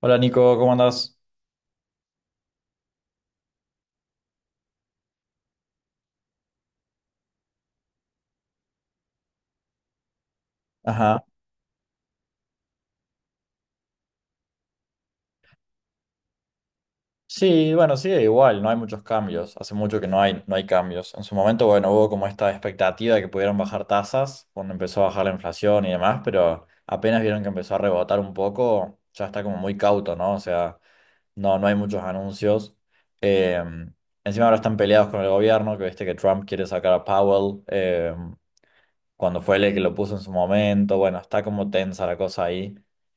Hola Nico, ¿cómo andás? Ajá. Sí, bueno, sigue igual, no hay muchos cambios. Hace mucho que no hay cambios. En su momento, bueno, hubo como esta expectativa de que pudieran bajar tasas cuando empezó a bajar la inflación y demás, pero apenas vieron que empezó a rebotar un poco, ya está como muy cauto, ¿no? O sea, no, no hay muchos anuncios. Eh, encima ahora están peleados con el gobierno, que viste que Trump quiere sacar a Powell. Cuando fue él el que lo puso en su momento. Bueno, está como tensa la cosa ahí.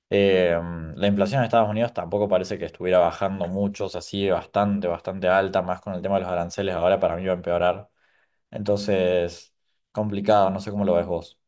Eh, la inflación en Estados Unidos tampoco parece que estuviera bajando mucho, o sea, sigue bastante, bastante alta, más con el tema de los aranceles ahora para mí va a empeorar. Entonces, complicado, no sé cómo lo ves vos.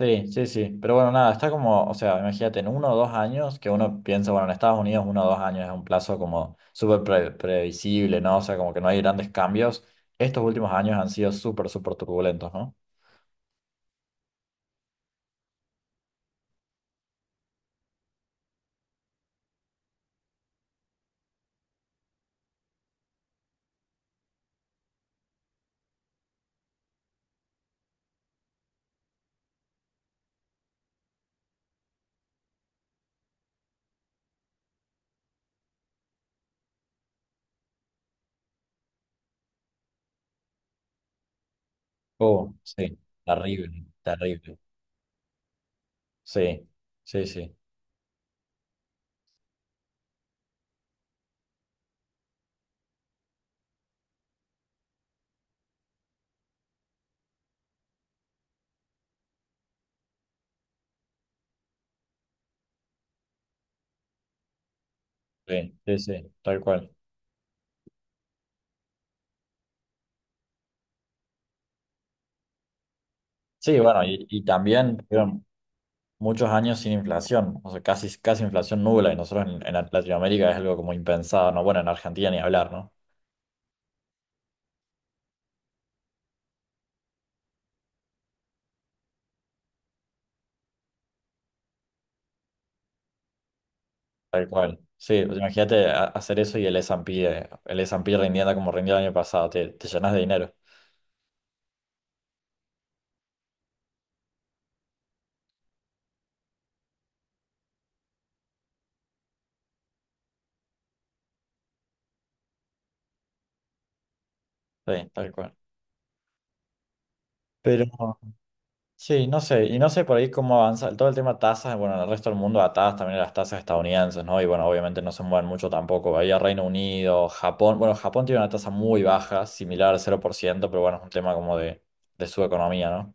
Sí, sí, sí, pero bueno, nada, está como, o sea, imagínate, en uno o dos años, que uno piensa, bueno, en Estados Unidos uno o dos años es un plazo como súper previsible, ¿no? O sea, como que no hay grandes cambios. Estos últimos años han sido súper, súper turbulentos, ¿no? Oh, sí, terrible, terrible. Sí, sí, sí, sí, sí, sí, tal cual. Sí, bueno, y también fueron muchos años sin inflación, o sea, casi, casi inflación nula, y nosotros en Latinoamérica es algo como impensado, ¿no? Bueno, en Argentina ni hablar, ¿no? Tal cual. Sí, pues imagínate hacer eso y el S&P, el S&P rindiendo como rindió el año pasado, te llenas de dinero. Sí, tal cual. Pero, sí, no sé, y no sé por ahí cómo avanza todo el tema tasas, bueno, en el resto del mundo atadas también a las tasas estadounidenses, ¿no? Y bueno, obviamente no se mueven mucho tampoco, ahí a Reino Unido, Japón, bueno, Japón tiene una tasa muy baja, similar al 0%, pero bueno, es un tema como de su economía, ¿no?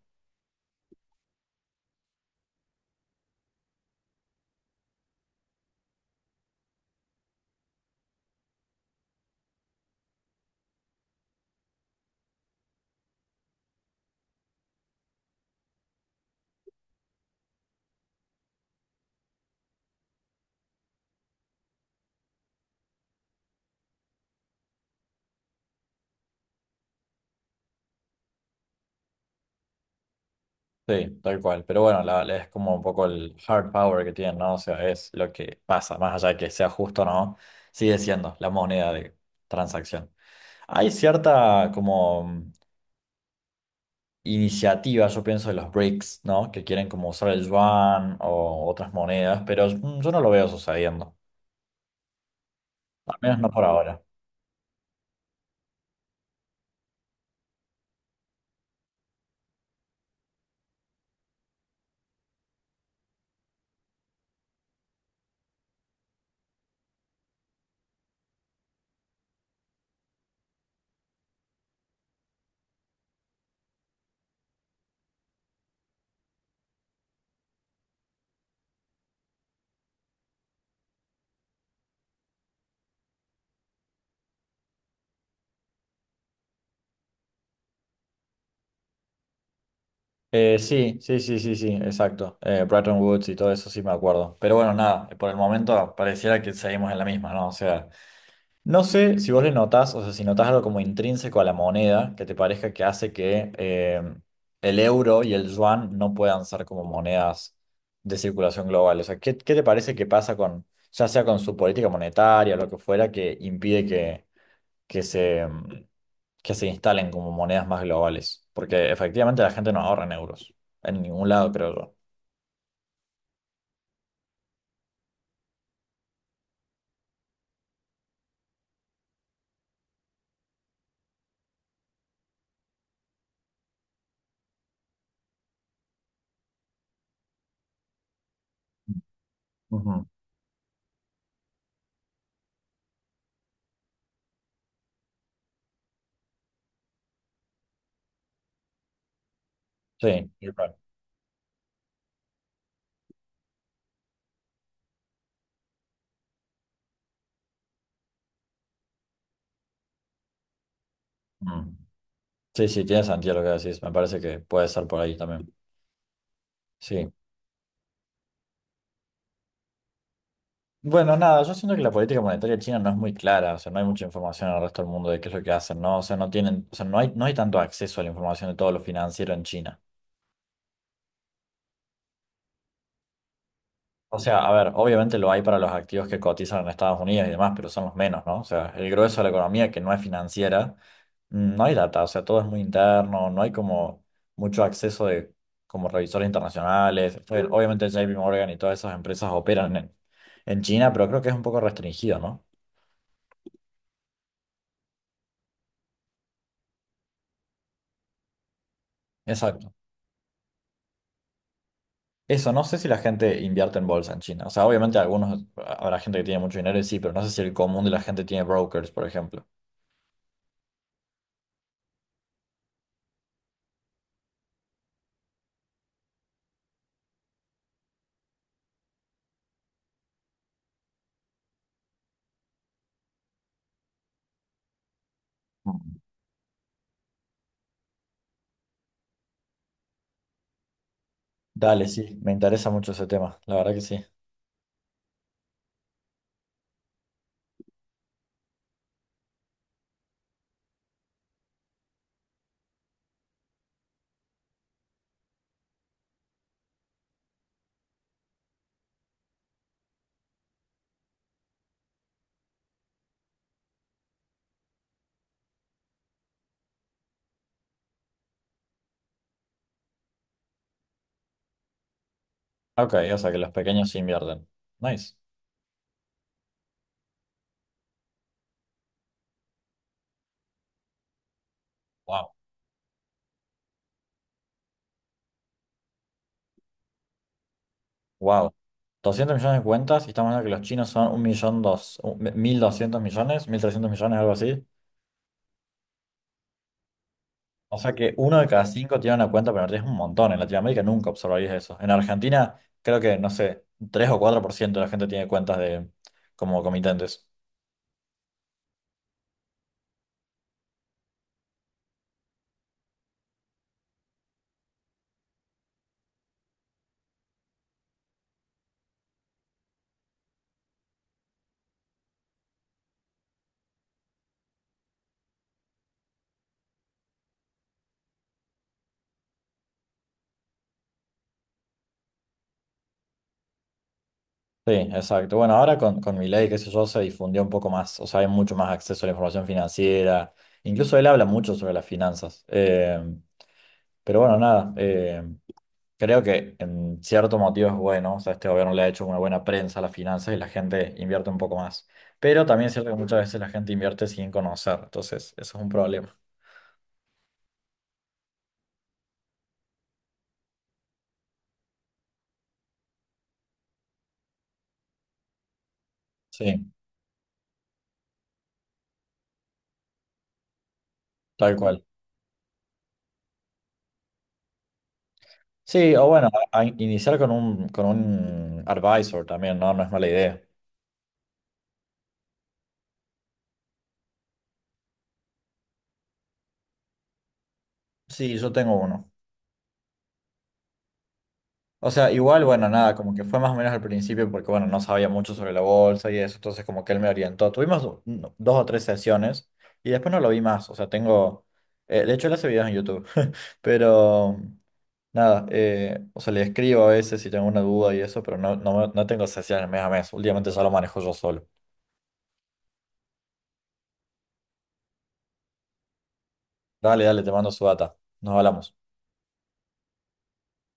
Sí, tal cual, pero bueno, es como un poco el hard power que tienen, ¿no? O sea, es lo que pasa, más allá de que sea justo o no, sigue siendo la moneda de transacción. Hay cierta como iniciativas, yo pienso de los BRICS, ¿no? Que quieren como usar el yuan o otras monedas, pero yo no lo veo sucediendo, al menos no por ahora. Sí, sí, sí, sí, sí, exacto. Bretton Woods y todo eso sí me acuerdo. Pero bueno, nada, por el momento pareciera que seguimos en la misma, ¿no? O sea. No sé si vos le notás, o sea, si notás algo como intrínseco a la moneda, que te parezca que hace que el euro y el yuan no puedan ser como monedas de circulación global. O sea, ¿qué te parece que pasa con, ya sea con su política monetaria o lo que fuera, que impide que se, mm, que se instalen como monedas más globales? Porque efectivamente la gente no ahorra en euros, en ningún lado, creo yo. Ujú. Sí, tal. Mm. Sí, sí, tiene sentido lo que decís. Me parece que puede ser por ahí también. Sí. Bueno, nada, yo siento que la política monetaria china no es muy clara, o sea, no hay mucha información al resto del mundo de qué es lo que hacen, ¿no? O sea, no tienen, o sea, no hay tanto acceso a la información de todo lo financiero en China. O sea, a ver, obviamente lo hay para los activos que cotizan en Estados Unidos y demás, pero son los menos, ¿no? O sea, el grueso de la economía que no es financiera, no hay data, o sea, todo es muy interno, no hay como mucho acceso de como revisores internacionales. O sea, obviamente JP Morgan y todas esas empresas operan en China, pero creo que es un poco restringido, ¿no? Exacto. Eso, no sé si la gente invierte en bolsa en China. O sea, obviamente algunos, habrá gente que tiene mucho dinero y sí, pero no sé si el común de la gente tiene brokers, por ejemplo. Mm. Dale, sí, me interesa mucho ese tema, la verdad que sí. Ok, o sea que los pequeños sí invierten. Nice. Wow. Wow. 200 millones de cuentas y estamos hablando que los chinos son un millón dos, un- 1.200 millones, 1.300 millones, algo así. O sea que uno de cada cinco tiene una cuenta pero es un montón. En Latinoamérica nunca observarías eso. En Argentina, creo que, no sé, 3 o 4% de la gente tiene cuentas de como comitentes. Sí, exacto. Bueno, ahora con Milei, qué sé yo, se difundió un poco más. O sea, hay mucho más acceso a la información financiera. Incluso él habla mucho sobre las finanzas. Pero bueno, nada. Creo que en cierto motivo es bueno, o sea, este gobierno le ha hecho una buena prensa a las finanzas y la gente invierte un poco más. Pero también es cierto que muchas veces la gente invierte sin conocer, entonces eso es un problema. Sí, tal cual. Sí, o bueno, a iniciar con un advisor también, ¿no? No es mala idea. Sí, yo tengo uno. O sea, igual, bueno, nada, como que fue más o menos al principio porque, bueno, no sabía mucho sobre la bolsa y eso, entonces como que él me orientó. Tuvimos no, dos o tres sesiones y después no lo vi más, o sea, tengo, de hecho él hace videos en YouTube, pero nada, o sea, le escribo a veces si tengo una duda y eso, pero no tengo sesiones mes a mes, últimamente ya lo manejo yo solo. Dale, dale, te mando su data, nos hablamos.